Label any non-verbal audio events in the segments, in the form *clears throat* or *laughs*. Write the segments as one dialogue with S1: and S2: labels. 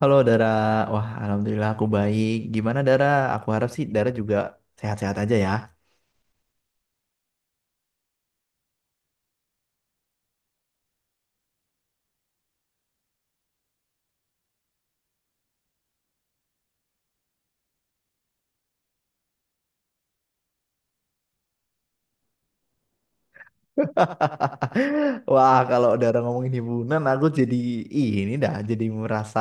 S1: Halo Dara, wah alhamdulillah aku baik. Gimana Dara? Aku harap sih Dara juga sehat-sehat aja ya. *laughs* Wah kalau Dara ngomongin hiburan, aku jadi ini dah, jadi merasa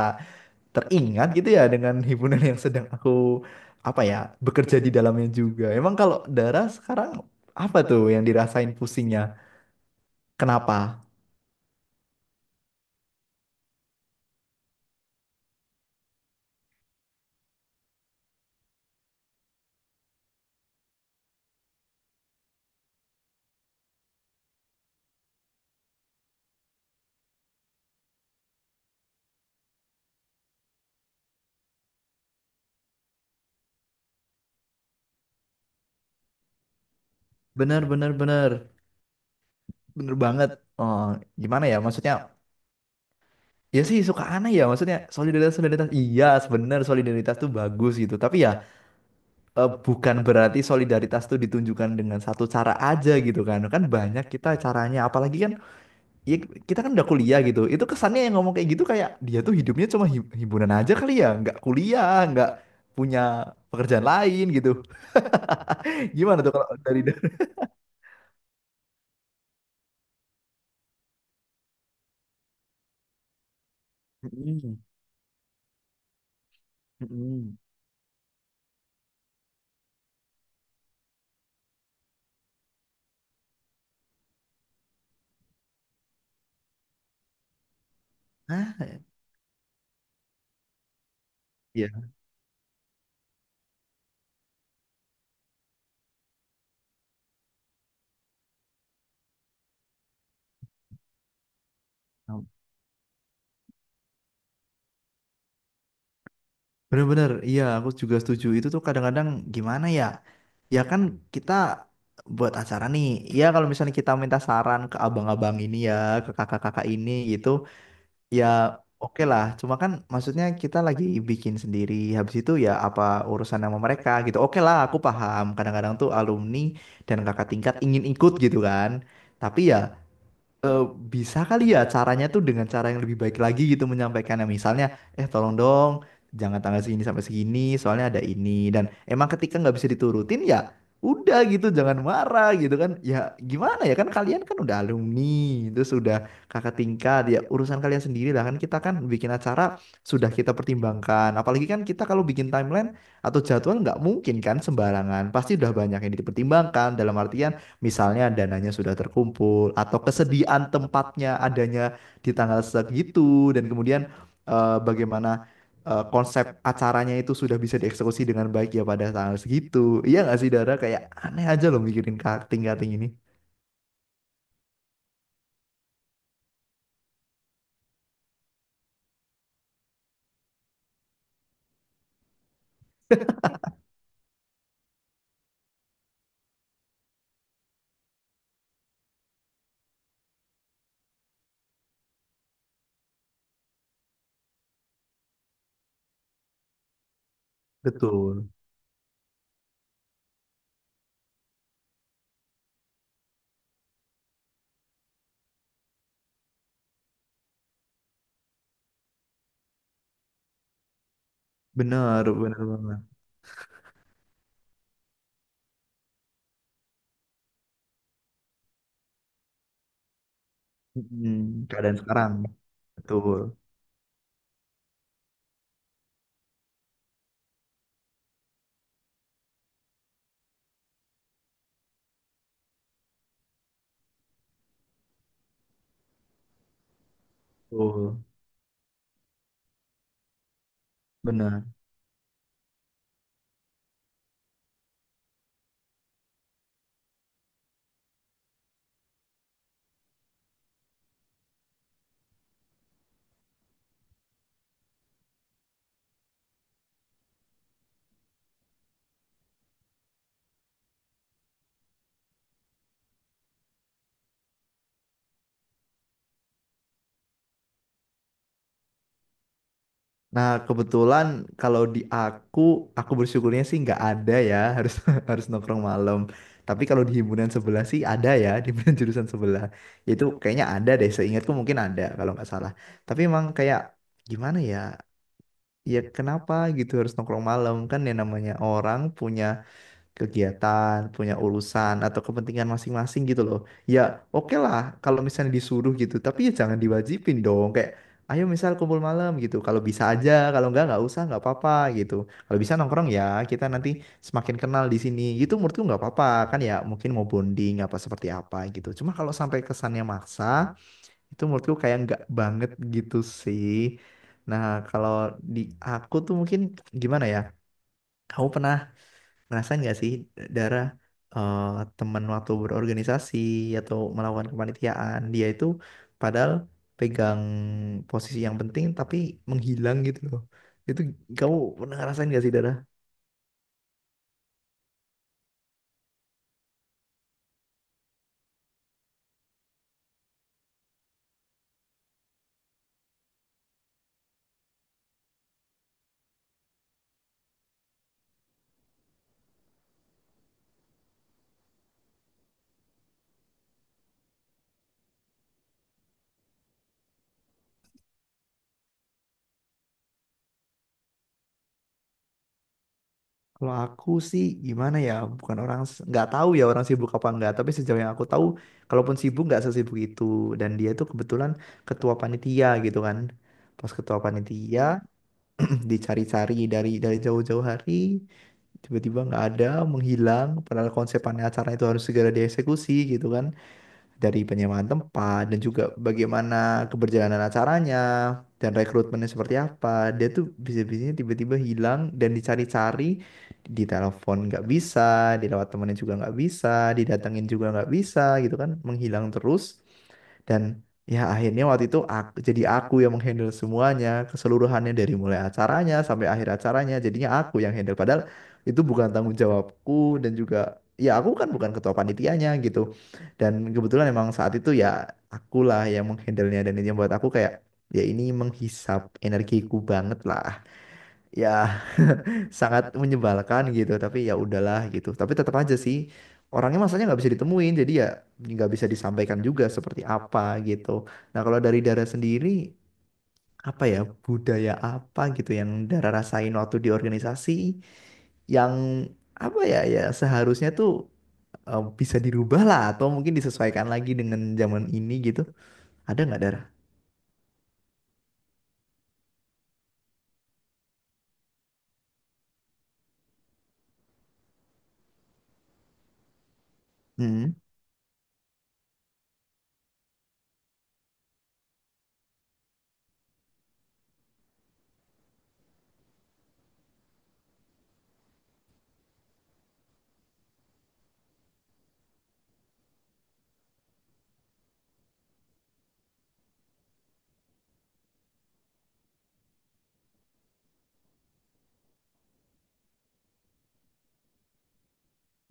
S1: teringat gitu ya dengan hiburan yang sedang aku apa ya bekerja di dalamnya juga. Emang kalau Dara sekarang apa tuh yang dirasain pusingnya? Kenapa? Bener bener bener bener banget. Oh, gimana ya? Maksudnya? Ya sih suka aneh ya maksudnya solidaritas solidaritas iya sebenarnya solidaritas tuh bagus gitu tapi ya bukan berarti solidaritas tuh ditunjukkan dengan satu cara aja gitu kan kan banyak kita caranya apalagi kan ya kita kan udah kuliah gitu itu kesannya yang ngomong kayak gitu kayak dia tuh hidupnya cuma himpunan aja kali ya nggak kuliah nggak punya pekerjaan lain gitu. *laughs* Gimana tuh kalau dari. Mm-mm, mm-mm. *laughs* Iya, bener-bener, iya aku juga setuju. Itu tuh kadang-kadang gimana ya? Ya kan kita buat acara nih. Ya kalau misalnya kita minta saran ke abang-abang ini ya, ke kakak-kakak ini gitu, ya oke lah. Cuma kan maksudnya kita lagi bikin sendiri. Habis itu ya apa urusan sama mereka gitu. Oke lah, aku paham. Kadang-kadang tuh alumni dan kakak tingkat ingin ikut gitu kan. Tapi ya eh, bisa kali ya caranya tuh dengan cara yang lebih baik lagi gitu menyampaikannya, misalnya tolong dong jangan tanggal segini sampai segini soalnya ada ini. Dan emang ketika nggak bisa diturutin ya udah gitu, jangan marah gitu kan. Ya gimana ya, kan kalian kan udah alumni terus sudah kakak tingkat, ya urusan kalian sendiri lah. Kan kita kan bikin acara sudah kita pertimbangkan, apalagi kan kita kalau bikin timeline atau jadwal nggak mungkin kan sembarangan, pasti udah banyak yang dipertimbangkan dalam artian misalnya dananya sudah terkumpul atau kesediaan tempatnya adanya di tanggal segitu, dan kemudian bagaimana konsep acaranya itu sudah bisa dieksekusi dengan baik ya pada tanggal segitu. Iya nggak sih Dara? Kayak aneh aja loh mikirin cutting-cutting ini. Betul. Bener, bener banget. Mm-mm. Keadaan sekarang. Betul. Betul. Bener. Nah, kebetulan kalau di aku bersyukurnya sih nggak ada ya, harus *laughs* harus nongkrong malam. Tapi kalau di himpunan sebelah sih ada ya, di himpunan *laughs* jurusan sebelah. Ya, itu kayaknya ada deh, seingatku mungkin ada kalau nggak salah. Tapi emang kayak gimana ya? Ya kenapa gitu harus nongkrong malam, kan yang namanya orang punya kegiatan, punya urusan atau kepentingan masing-masing gitu loh. Ya, oke lah kalau misalnya disuruh gitu, tapi ya jangan diwajibin dong. Kayak ayo misal kumpul malam gitu. Kalau bisa aja, kalau enggak nggak usah, nggak apa-apa gitu. Kalau bisa nongkrong ya, kita nanti semakin kenal di sini. Gitu menurutku nggak apa-apa kan ya, mungkin mau bonding apa seperti apa gitu. Cuma kalau sampai kesannya maksa, itu menurutku kayak nggak banget gitu sih. Nah, kalau di aku tuh mungkin gimana ya? Kamu pernah ngerasain nggak sih darah, eh, temen waktu berorganisasi atau melakukan kepanitiaan, dia itu padahal pegang posisi yang penting tapi menghilang gitu loh. Itu kamu pernah ngerasain nggak sih darah? Kalau aku sih gimana ya, bukan orang, nggak tahu ya orang sibuk apa enggak, tapi sejauh yang aku tahu, kalaupun sibuk nggak sesibuk itu. Dan dia itu kebetulan ketua panitia gitu kan. Pas ketua panitia *clears throat* dicari-cari dari jauh-jauh hari tiba-tiba nggak ada, menghilang, padahal konsepannya acara itu harus segera dieksekusi gitu kan, dari penyewaan tempat dan juga bagaimana keberjalanan acaranya dan rekrutmennya seperti apa. Dia tuh bisa-bisanya tiba-tiba hilang dan dicari-cari, di telepon nggak bisa, di lewat temennya juga nggak bisa, didatengin juga nggak bisa gitu kan, menghilang terus. Dan ya akhirnya waktu itu aku, jadi aku yang menghandle semuanya, keseluruhannya dari mulai acaranya sampai akhir acaranya, jadinya aku yang handle. Padahal itu bukan tanggung jawabku dan juga ya aku kan bukan ketua panitianya gitu. Dan kebetulan emang saat itu ya akulah yang menghandlenya, dan itu yang buat aku kayak, ya ini menghisap energiku banget lah. Ya sangat menyebalkan gitu, tapi ya udahlah gitu, tapi tetap aja sih orangnya masanya nggak bisa ditemuin, jadi ya nggak bisa disampaikan juga seperti apa gitu. Nah kalau dari Dara sendiri, apa ya, budaya apa gitu yang Dara rasain waktu di organisasi yang apa ya, ya seharusnya tuh bisa dirubah lah atau mungkin disesuaikan lagi dengan zaman ini gitu, ada nggak Dara? Hmm,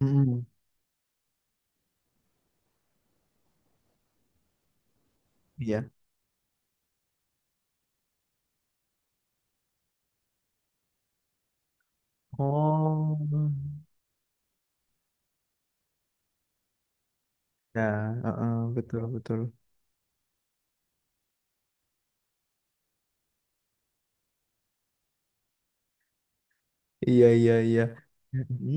S1: mm iya. Oh, ya heeh, betul betul. Iya, iya, iya. Mhm.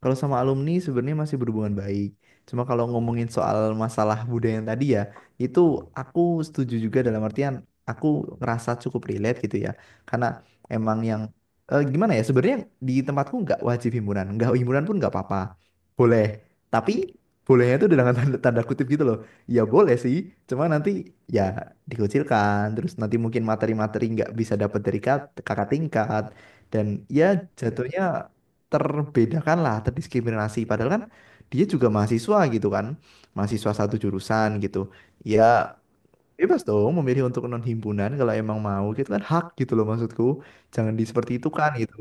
S1: Kalau sama alumni sebenarnya masih berhubungan baik. Cuma kalau ngomongin soal masalah budaya yang tadi ya, itu aku setuju juga dalam artian aku ngerasa cukup relate gitu ya. Karena emang yang gimana ya sebenarnya di tempatku nggak wajib himpunan, nggak himpunan pun nggak apa-apa, boleh. Tapi bolehnya itu dengan tanda, tanda kutip gitu loh. Ya boleh sih, cuma nanti ya dikucilkan. Terus nanti mungkin materi-materi nggak bisa dapat dari kakak tingkat, dan ya jatuhnya terbedakan lah, terdiskriminasi. Padahal kan dia juga mahasiswa gitu kan, mahasiswa satu jurusan gitu. Ya bebas dong memilih untuk non himpunan kalau emang mau gitu kan, hak gitu loh maksudku. Jangan di seperti itu kan gitu.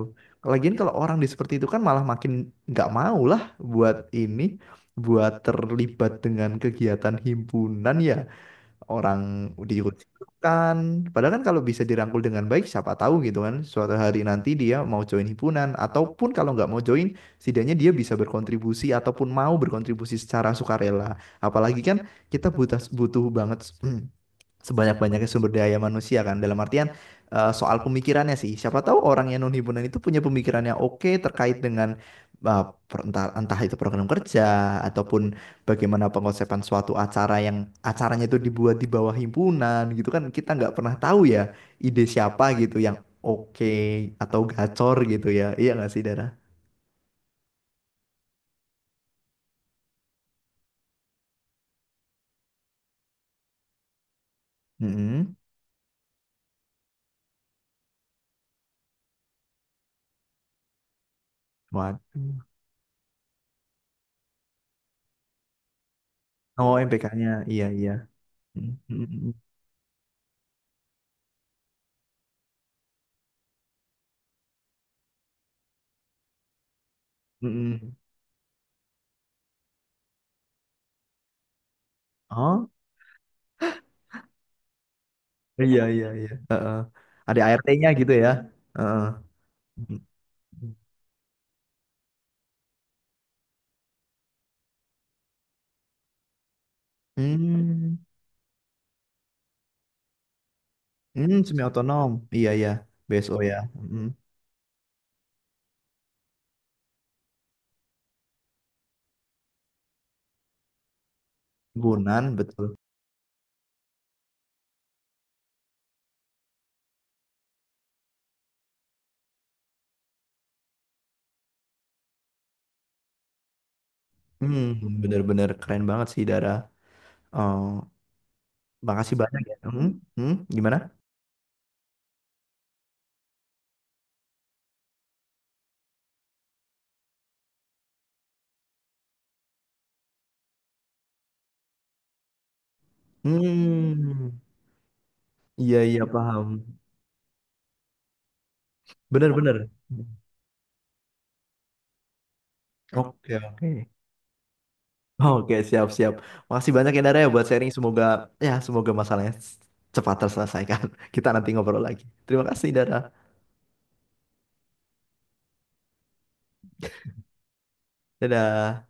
S1: Lagian kalau orang di seperti itu kan malah makin nggak mau lah buat ini, buat terlibat dengan kegiatan himpunan, ya orang dirugikan. Padahal kan kalau bisa dirangkul dengan baik, siapa tahu gitu kan. Suatu hari nanti dia mau join himpunan, ataupun kalau nggak mau join, setidaknya dia bisa berkontribusi ataupun mau berkontribusi secara sukarela. Apalagi kan kita butuh butuh banget *clears throat* sebanyak-banyaknya sumber daya manusia kan, dalam artian soal pemikirannya sih siapa tahu orang yang non himpunan itu punya pemikiran yang oke terkait dengan eh, entah itu program kerja ataupun bagaimana pengosepan suatu acara yang acaranya itu dibuat di bawah himpunan gitu kan. Kita nggak pernah tahu ya ide siapa gitu yang oke atau gacor gitu, ya iya nggak sih Dara? Mm-mm. Waduh. Oh, MPK-nya, iya iya. Mm-mm. Mm-mm. Oh, iya iya iya. Ada ART-nya gitu ya. Heeh. Hmm, semi otonom. Iya iya, BSO ya. Hmm. Gunan betul. Hmm, bener-bener keren banget sih Dara. Oh, makasih banyak ya. Gimana? Hmm, iya iya paham. Bener-bener. Oke oke. Oke siap siap. Makasih banyak ya Dara ya buat sharing. Semoga masalahnya cepat terselesaikan. *laughs* Kita nanti ngobrol lagi. Terima kasih Dara. Dadah.